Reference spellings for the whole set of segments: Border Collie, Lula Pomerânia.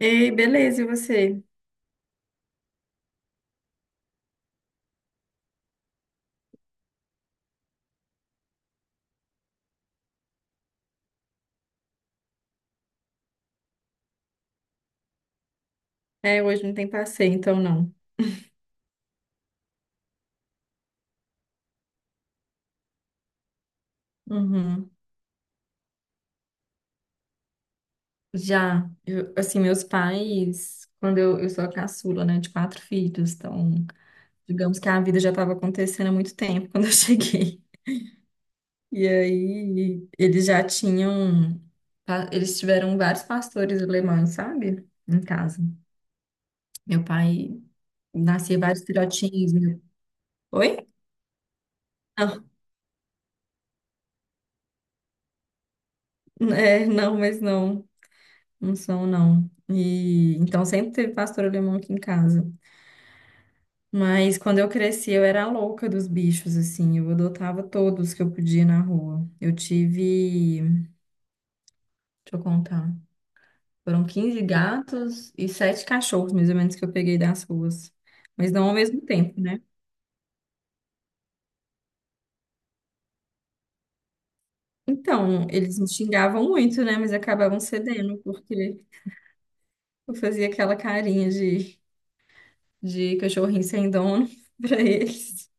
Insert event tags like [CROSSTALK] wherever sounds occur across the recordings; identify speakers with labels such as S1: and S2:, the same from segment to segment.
S1: Ei, beleza, e você? É, hoje não tem passeio, então não. Uhum. Já, assim, meus pais, quando eu sou a caçula, né, de quatro filhos, então, digamos que a vida já estava acontecendo há muito tempo quando eu [LAUGHS] cheguei. E aí, eles já tinham, eles tiveram vários pastores alemães, sabe? Em casa. Meu pai nascia vários filhotinhos. Meu... Oi? Não, é, não, mas não. Não são, não. E então sempre teve pastor alemão aqui em casa. Mas quando eu cresci, eu era a louca dos bichos, assim. Eu adotava todos que eu podia na rua. Eu tive, deixa eu contar, foram 15 gatos e sete cachorros, mais ou menos, que eu peguei das ruas. Mas não ao mesmo tempo, né? Então, eles me xingavam muito, né? Mas acabavam cedendo, porque eu fazia aquela carinha de cachorrinho sem dono [LAUGHS] pra eles.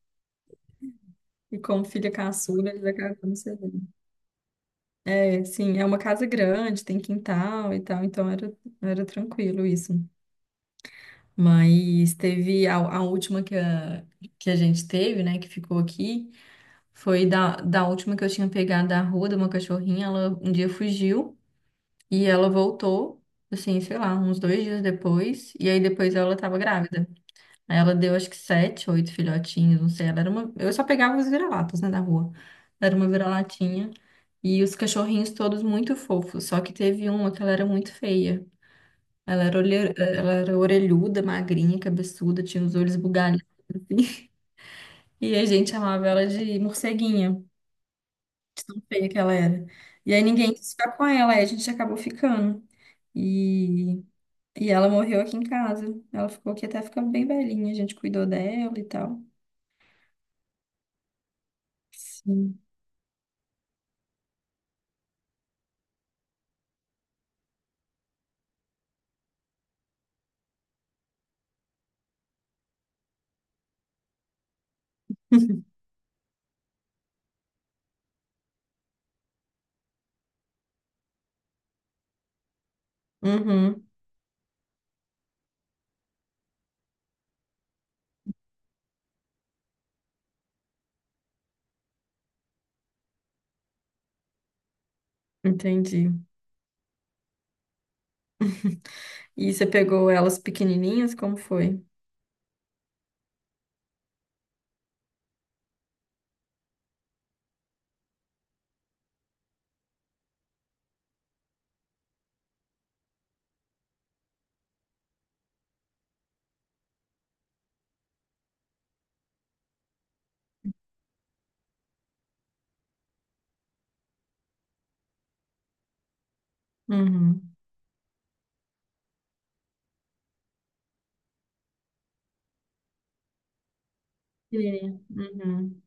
S1: E como filha caçula, eles acabavam cedendo. Sim, é uma casa grande, tem quintal e tal, então era tranquilo isso. Mas teve a última que a gente teve, né, que ficou aqui, foi da última que eu tinha pegado da rua, de uma cachorrinha, ela um dia fugiu e ela voltou, assim, sei lá, uns 2 dias depois, e aí depois ela tava grávida. Aí ela deu acho que sete, oito filhotinhos, não sei. Ela era uma. Eu só pegava os vira-latas, né, da rua. Ela era uma vira-latinha. E os cachorrinhos todos muito fofos. Só que teve uma que ela era muito feia. Ela era, olhe, ela era orelhuda, magrinha, cabeçuda, tinha os olhos bugalhados, assim. [LAUGHS] E a gente chamava ela de morceguinha, de tão feia que ela era. E aí ninguém quis ficar com ela, aí a gente acabou ficando. E, e ela morreu aqui em casa. Ela ficou aqui até ficar bem velhinha, a gente cuidou dela e tal. Sim. [LAUGHS] Uhum, entendi. E você pegou elas pequenininhas? Como foi? Uhum. Pequenininha. Uhum,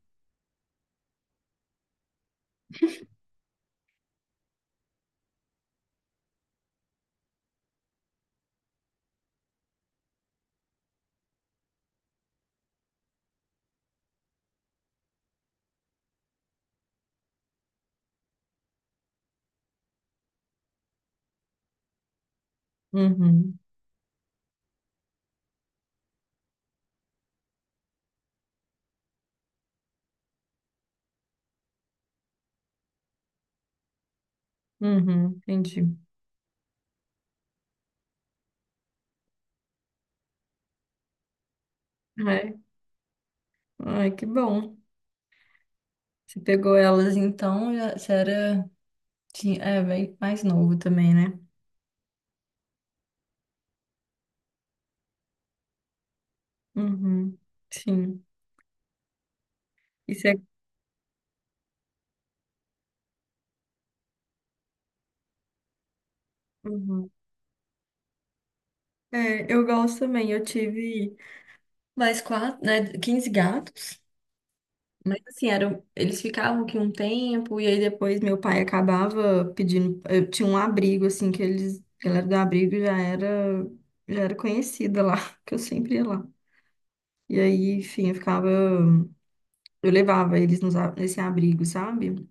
S1: uhum, uhum, entendi. Ai, ai, que bom. Você pegou elas então, você era tinha, é, bem mais novo também, né? Uhum, sim. Isso é. Uhum. É, eu gosto também. Eu tive mais quatro, né? 15 gatos. Mas assim, eles ficavam aqui um tempo, e aí depois meu pai acabava pedindo. Eu tinha um abrigo, assim, que eles. A galera do abrigo já era conhecida lá, [LAUGHS] que eu sempre ia lá. E aí, enfim, eu ficava. Eu levava eles nesse abrigo, sabe?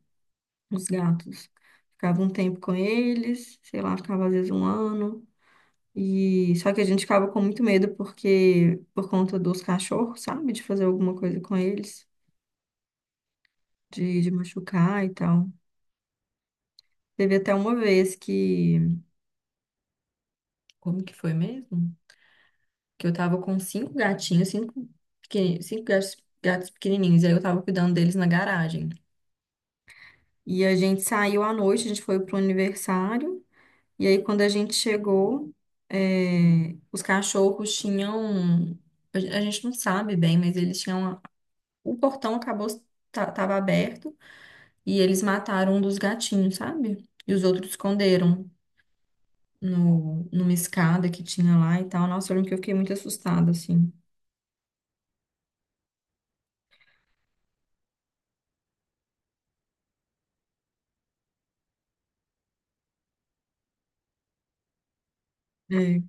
S1: Os gatos. Ficava um tempo com eles, sei lá, ficava às vezes um ano. E só que a gente ficava com muito medo porque por conta dos cachorros, sabe? De fazer alguma coisa com eles, de machucar e tal. Teve até uma vez que. Como que foi mesmo? Que eu tava com cinco gatinhos, cinco gatos, pequenininhos, e aí eu tava cuidando deles na garagem. E a gente saiu à noite, a gente foi pro aniversário, e aí quando a gente chegou, é, os cachorros tinham. A gente não sabe bem, mas eles tinham. O portão acabou, tava aberto, e eles mataram um dos gatinhos, sabe? E os outros esconderam no, numa escada que tinha lá e tal. Nossa, eu lembro que eu fiquei muito assustada, assim. É,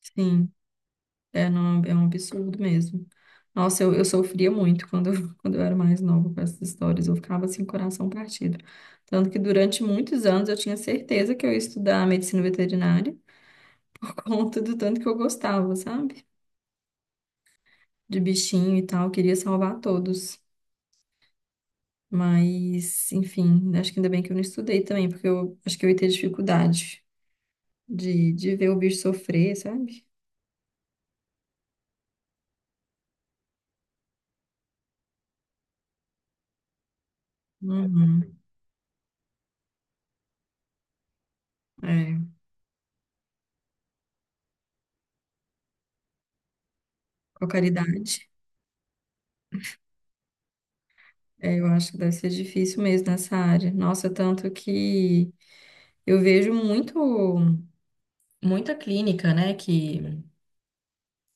S1: sim, é, não, é um absurdo mesmo. Nossa, eu sofria muito [LAUGHS] quando eu era mais nova com essas histórias. Eu ficava assim, coração partido. Tanto que durante muitos anos eu tinha certeza que eu ia estudar medicina veterinária por [LAUGHS] conta do tanto que eu gostava, sabe? De bichinho e tal, eu queria salvar todos. Mas, enfim, acho que ainda bem que eu não estudei também, porque eu acho que eu ia ter dificuldade, de ver o bicho sofrer, sabe? Uhum. É, com a caridade. É, eu acho que deve ser difícil mesmo nessa área. Nossa, tanto que eu vejo muito, muita clínica, né, que,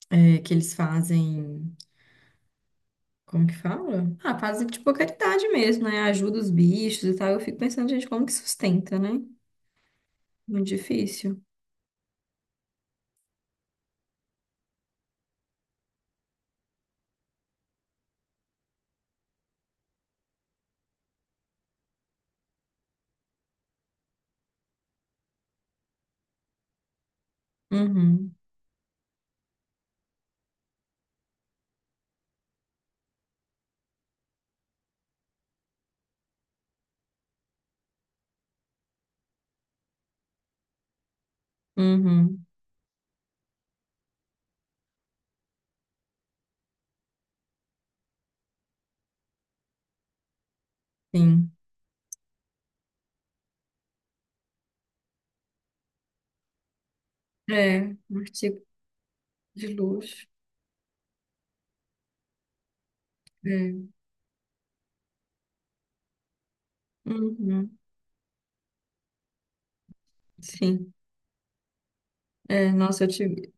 S1: é, que eles fazem. Como que fala? Ah, fazem tipo a caridade mesmo, né? Ajuda os bichos e tal. Eu fico pensando, gente, como que sustenta, né? Muito difícil. Uhum, uhum, sim. É, um artigo de luxo. É, uhum, sim. É, nossa, eu tive.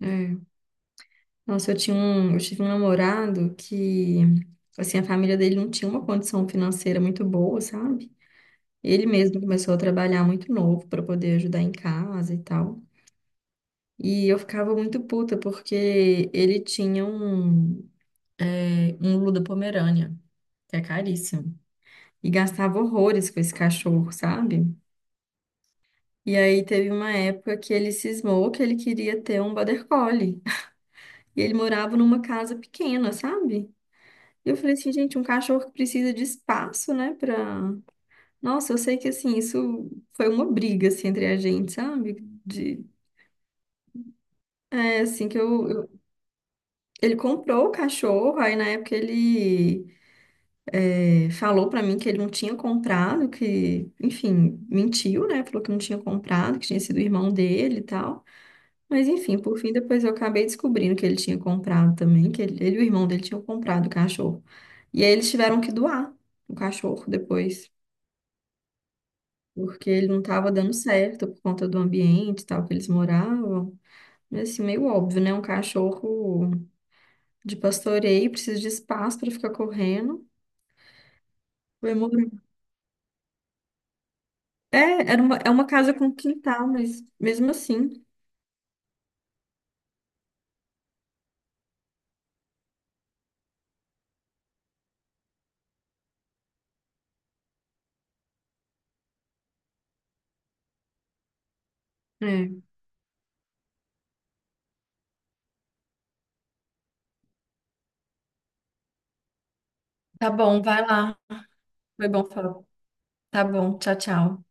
S1: É. Nossa, eu tive um namorado que, assim, a família dele não tinha uma condição financeira muito boa, sabe? Ele mesmo começou a trabalhar muito novo para poder ajudar em casa e tal. E eu ficava muito puta porque ele tinha um Lula Pomerânia, que é caríssimo, e gastava horrores com esse cachorro, sabe? E aí teve uma época que ele cismou que ele queria ter um Border Collie. [LAUGHS] E ele morava numa casa pequena, sabe? Eu falei assim, gente, um cachorro que precisa de espaço, né, pra. Nossa, eu sei que, assim, isso foi uma briga, assim, entre a gente, sabe? De. É, assim, que eu. Ele comprou o cachorro, aí na época ele falou pra mim que ele não tinha comprado, que, enfim, mentiu, né? Falou que não tinha comprado, que tinha sido o irmão dele e tal. Mas, enfim, por fim, depois eu acabei descobrindo que ele tinha comprado também, que ele e o irmão dele tinham comprado o cachorro. E aí eles tiveram que doar o cachorro depois. Porque ele não estava dando certo por conta do ambiente e tal que eles moravam. Mas assim, meio óbvio, né? Um cachorro de pastoreio precisa de espaço para ficar correndo. Foi morar- É, é uma casa com quintal, mas mesmo assim. É. Tá bom, vai lá. Foi bom falar. Tá bom, tchau, tchau.